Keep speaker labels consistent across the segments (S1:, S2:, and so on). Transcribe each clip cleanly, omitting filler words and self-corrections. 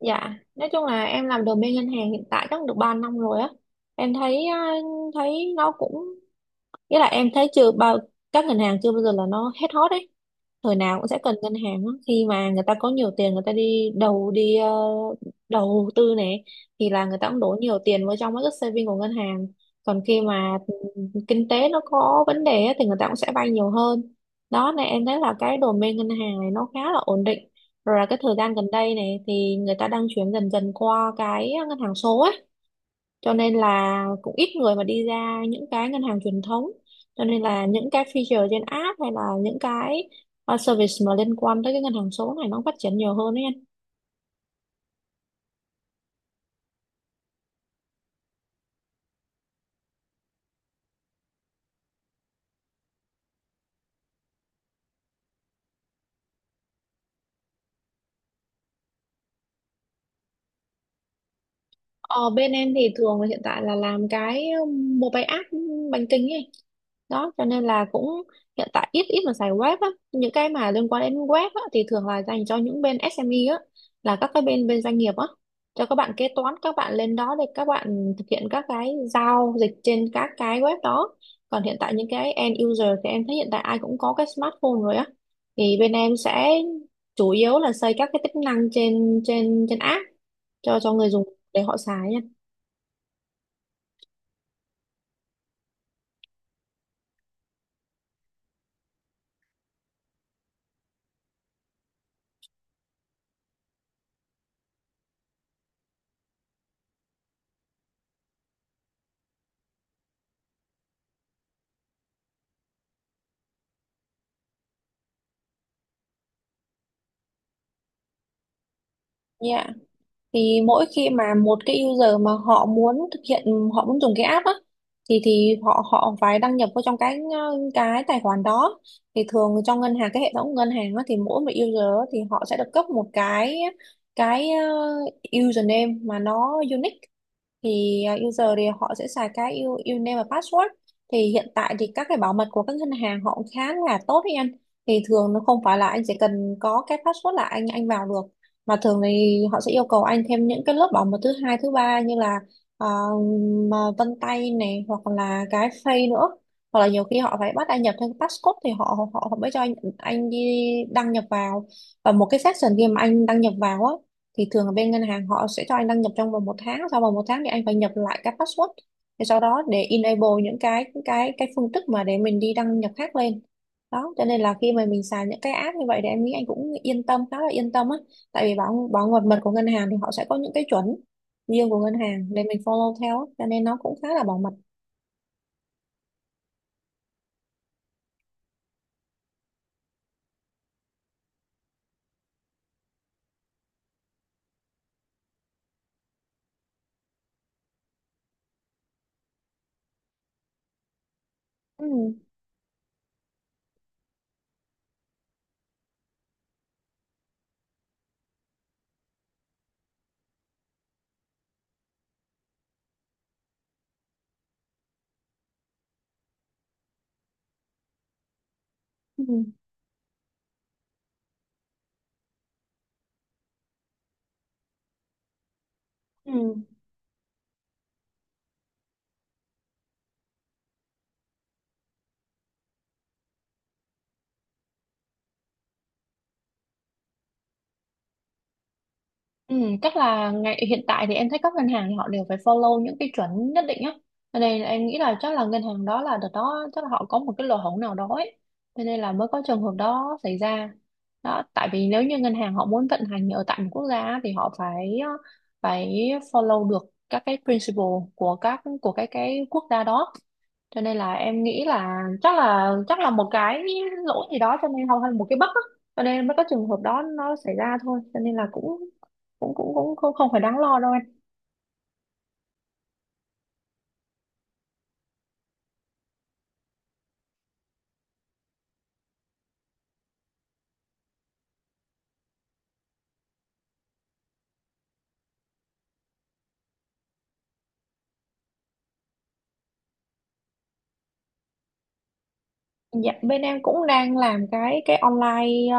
S1: Dạ, nói chung là em làm admin ngân hàng hiện tại chắc được 3 năm rồi á. Em thấy nó cũng. Nghĩa là em thấy chưa bao các ngân hàng chưa bao giờ là nó hết hot ấy. Thời nào cũng sẽ cần ngân hàng á. Khi mà người ta có nhiều tiền người ta đi đầu đi ờ, đầu tư này thì là người ta cũng đổ nhiều tiền vào trong cái saving của ngân hàng. Còn khi mà kinh tế nó có vấn đề á, thì người ta cũng sẽ vay nhiều hơn. Đó này em thấy là cái domain ngân hàng này nó khá là ổn định. Rồi là cái thời gian gần đây này thì người ta đang chuyển dần dần qua cái ngân hàng số ấy, cho nên là cũng ít người mà đi ra những cái ngân hàng truyền thống, cho nên là những cái feature trên app hay là những cái service mà liên quan tới cái ngân hàng số này nó phát triển nhiều hơn ấy. Ờ, Bên em thì thường là hiện tại là làm cái mobile app bánh kính ấy. Đó, cho nên là cũng hiện tại ít ít mà xài web á. Những cái mà liên quan đến web á, thì thường là dành cho những bên SME á, là các cái bên bên doanh nghiệp á. Cho các bạn kế toán, các bạn lên đó để các bạn thực hiện các cái giao dịch trên các cái web đó. Còn hiện tại những cái end user thì em thấy hiện tại ai cũng có cái smartphone rồi á. Thì bên em sẽ chủ yếu là xây các cái tính năng trên trên trên app cho người dùng để họ xài nha. Yeah. Thì mỗi khi mà một cái user mà họ muốn thực hiện, họ muốn dùng cái app á, thì họ họ phải đăng nhập vào trong cái tài khoản đó. Thì thường trong ngân hàng, cái hệ thống ngân hàng á, thì mỗi một user á, thì họ sẽ được cấp một cái username mà nó unique. Thì user thì họ sẽ xài cái username và password. Thì hiện tại thì các cái bảo mật của các ngân hàng họ cũng khá là tốt đấy anh. Thì thường nó không phải là anh chỉ cần có cái password là anh vào được, mà thường thì họ sẽ yêu cầu anh thêm những cái lớp bảo mật thứ hai thứ ba như là à, mà vân tay này hoặc là cái face nữa, hoặc là nhiều khi họ phải bắt anh nhập thêm cái passcode thì họ họ họ mới cho anh đi đăng nhập vào. Và một cái section khi mà anh đăng nhập vào á, thì thường ở bên ngân hàng họ sẽ cho anh đăng nhập trong vòng một tháng, sau vòng một tháng thì anh phải nhập lại cái password, thì sau đó để enable những cái phương thức mà để mình đi đăng nhập khác lên. Đó cho nên là khi mà mình xài những cái app như vậy thì em nghĩ anh cũng yên tâm, khá là yên tâm á, tại vì bảo bảo mật mật của ngân hàng thì họ sẽ có những cái chuẩn riêng của ngân hàng để mình follow theo á, cho nên nó cũng khá là bảo mật. Ừ. Ừ. Ừ. Ừ, chắc là ngày hiện tại thì em thấy các ngân hàng thì họ đều phải follow những cái chuẩn nhất định á. Cho nên là em nghĩ là chắc là ngân hàng đó, là đợt đó chắc là họ có một cái lỗ hổng nào đó ấy. Cho nên là mới có trường hợp đó xảy ra. Đó, tại vì nếu như ngân hàng họ muốn vận hành ở tại một quốc gia á, thì họ phải phải follow được các cái principle của các của cái quốc gia đó, cho nên là em nghĩ là chắc là một cái lỗi gì đó cho nên, hoặc là một cái bất á, cho nên mới có trường hợp đó nó xảy ra thôi, cho nên là cũng cũng cũng cũng không phải đáng lo đâu em. Dạ, bên em cũng đang làm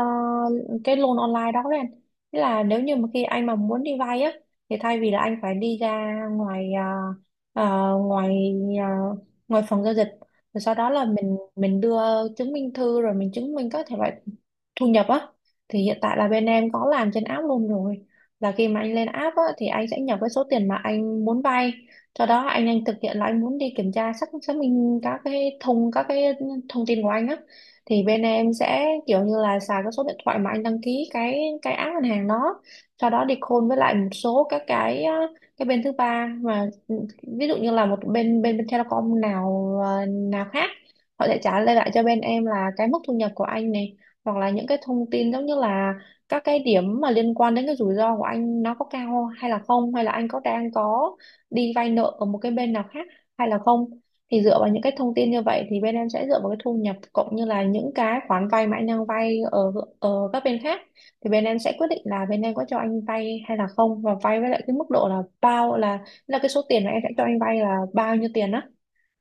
S1: cái loan online đó đấy anh. Thế là nếu như mà khi anh mà muốn đi vay á thì thay vì là anh phải đi ra ngoài ờ, ờ, ngoài phòng giao dịch, rồi sau đó là mình đưa chứng minh thư, rồi mình chứng minh các thể loại thu nhập á, thì hiện tại là bên em có làm trên app luôn rồi, là khi mà anh lên app á thì anh sẽ nhập cái số tiền mà anh muốn vay, sau đó anh thực hiện là anh muốn đi kiểm tra, xác xác minh các cái thông tin của anh á, thì bên em sẽ kiểu như là xài cái số điện thoại mà anh đăng ký cái app ngân hàng đó, sau đó đi call với lại một số các cái bên thứ ba mà ví dụ như là một bên bên bên Telecom nào khác, họ sẽ trả lời lại cho bên em là cái mức thu nhập của anh này, hoặc là những cái thông tin giống như là các cái điểm mà liên quan đến cái rủi ro của anh nó có cao hay là không, hay là anh đang có đi vay nợ ở một cái bên nào khác hay là không, thì dựa vào những cái thông tin như vậy thì bên em sẽ dựa vào cái thu nhập cộng như là những cái khoản vay mà anh đang vay ở ở các bên khác, thì bên em sẽ quyết định là bên em có cho anh vay hay là không, và vay với lại cái mức độ là bao, là cái số tiền mà em sẽ cho anh vay là bao nhiêu tiền đó.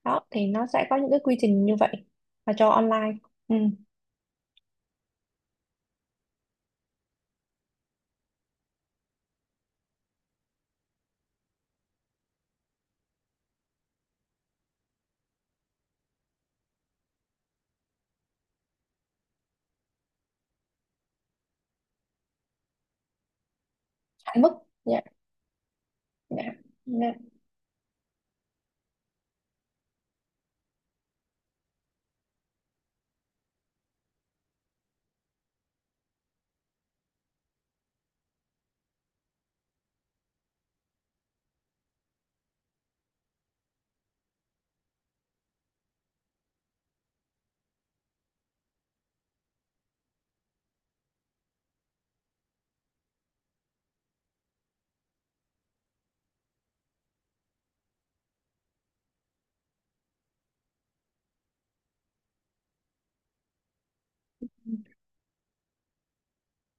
S1: Đó thì nó sẽ có những cái quy trình như vậy, và cho online. Ừ. Hạn mức. Dạ. Dạ. Dạ.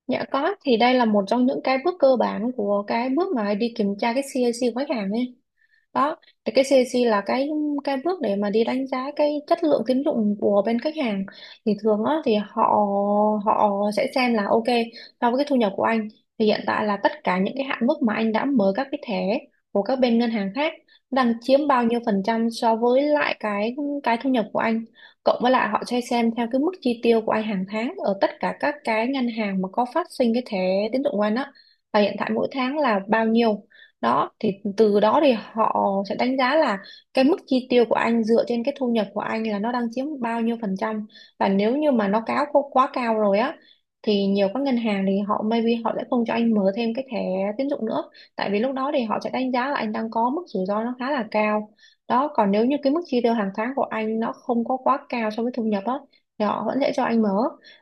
S1: Dạ có, thì đây là một trong những cái bước cơ bản của cái bước mà đi kiểm tra cái CAC của khách hàng ấy. Đó thì cái CAC là cái bước để mà đi đánh giá cái chất lượng tín dụng của bên khách hàng. Thì thường á thì họ họ sẽ xem là ok, so với cái thu nhập của anh thì hiện tại là tất cả những cái hạn mức mà anh đã mở các cái thẻ của các bên ngân hàng khác đang chiếm bao nhiêu phần trăm so với lại cái thu nhập của anh, cộng với lại họ sẽ xem theo cái mức chi tiêu của anh hàng tháng ở tất cả các cái ngân hàng mà có phát sinh cái thẻ tín dụng của anh á, là hiện tại mỗi tháng là bao nhiêu. Đó thì từ đó thì họ sẽ đánh giá là cái mức chi tiêu của anh dựa trên cái thu nhập của anh là nó đang chiếm bao nhiêu phần trăm, và nếu như mà nó cáo quá quá cao rồi á thì nhiều các ngân hàng thì maybe họ sẽ không cho anh mở thêm cái thẻ tín dụng nữa, tại vì lúc đó thì họ sẽ đánh giá là anh đang có mức rủi ro nó khá là cao. Đó, còn nếu như cái mức chi tiêu hàng tháng của anh nó không có quá cao so với thu nhập á thì họ vẫn sẽ cho anh mở,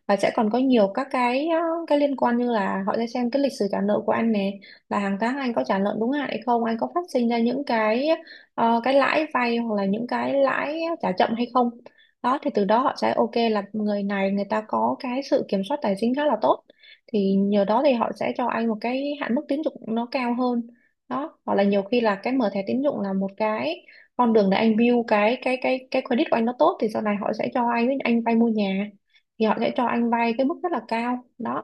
S1: và sẽ còn có nhiều các cái liên quan, như là họ sẽ xem cái lịch sử trả nợ của anh nè, là hàng tháng anh có trả nợ đúng hạn hay không, anh có phát sinh ra những cái lãi vay hoặc là những cái lãi trả chậm hay không. Đó thì từ đó họ sẽ ok là người này người ta có cái sự kiểm soát tài chính khá là tốt, thì nhờ đó thì họ sẽ cho anh một cái hạn mức tín dụng nó cao hơn. Đó, hoặc là nhiều khi là cái mở thẻ tín dụng là một cái con đường để anh build cái credit của anh nó tốt, thì sau này họ sẽ cho anh vay mua nhà, thì họ sẽ cho anh vay cái mức rất là cao đó,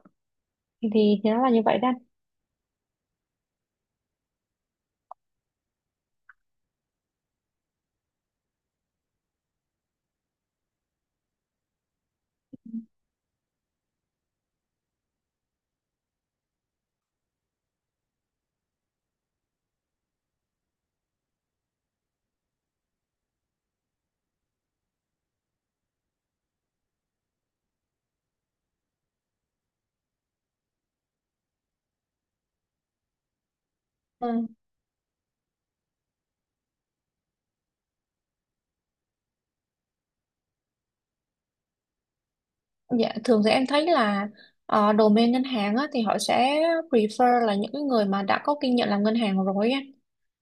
S1: thì nó là như vậy đó. Dạ, thường thì em thấy là domain ngân hàng á, thì họ sẽ prefer là những cái người mà đã có kinh nghiệm làm ngân hàng rồi á.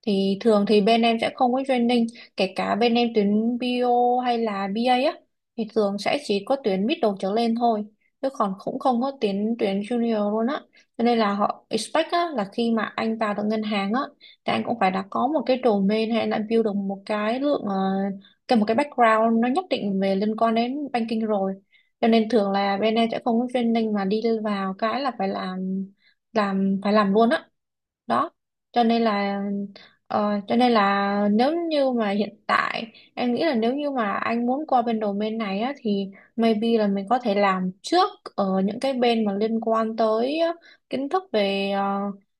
S1: Thì thường thì bên em sẽ không có training, kể cả bên em tuyến bio hay là BA á thì thường sẽ chỉ có tuyến middle trở lên thôi, chứ còn cũng không có tuyến tuyến junior luôn á. Cho nên là họ expect á, là khi mà anh vào được ngân hàng á thì anh cũng phải đã có một cái domain, hay là build được một cái lượng ờ, cái một cái background nó nhất định về liên quan đến banking rồi. Cho nên thường là bên em sẽ không có training mà đi vào cái là phải làm phải làm luôn á. Đó cho nên là. Cho nên là nếu như mà hiện tại em nghĩ là, nếu như mà anh muốn qua bên domain này á, thì maybe là mình có thể làm trước ở những cái bên mà liên quan tới kiến thức về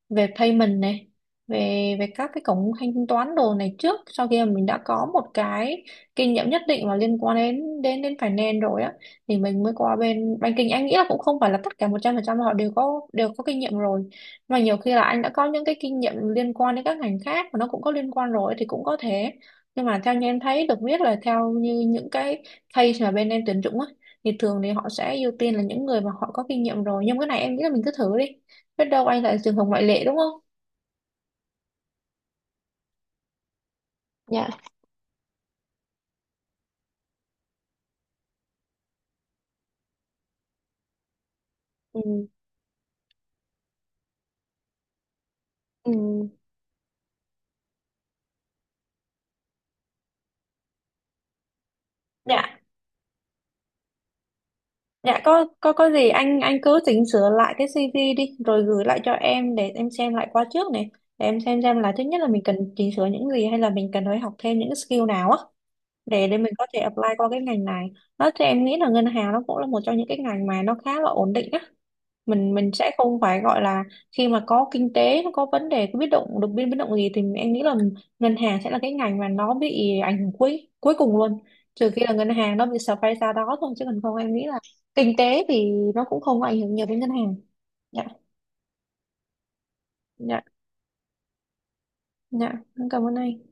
S1: về payment này, về về các cái cổng thanh toán đồ này trước, sau khi mà mình đã có một cái kinh nghiệm nhất định mà liên quan đến đến đến finance rồi á thì mình mới qua bên banking. Anh nghĩ là cũng không phải là tất cả 100% họ đều có kinh nghiệm rồi, mà nhiều khi là anh đã có những cái kinh nghiệm liên quan đến các ngành khác mà nó cũng có liên quan rồi thì cũng có thể. Nhưng mà theo như em thấy được biết là, theo như những cái case mà bên em tuyển dụng á thì thường thì họ sẽ ưu tiên là những người mà họ có kinh nghiệm rồi, nhưng cái này em nghĩ là mình cứ thử đi, biết đâu anh lại trường hợp ngoại lệ đúng không. Dạ. Ừ. Ừ. Dạ. Dạ, có gì anh cứ chỉnh sửa lại cái CV đi rồi gửi lại cho em để em xem lại qua trước này, để em xem là thứ nhất là mình cần chỉnh sửa những gì, hay là mình cần phải học thêm những skill nào á, để mình có thể apply qua cái ngành này. Đó thì em nghĩ là ngân hàng nó cũng là một trong những cái ngành mà nó khá là ổn định á. Mình sẽ không phải gọi là, khi mà có kinh tế nó có vấn đề, có biến động, được biến biến động gì thì em nghĩ là ngân hàng sẽ là cái ngành mà nó bị ảnh hưởng cuối cuối cùng luôn. Trừ khi là ngân hàng nó bị sập hay sao đó thôi, chứ còn không em nghĩ là kinh tế thì nó cũng không có ảnh hưởng nhiều đến ngân hàng. Dạ. Dạ. Dạ em cảm ơn anh.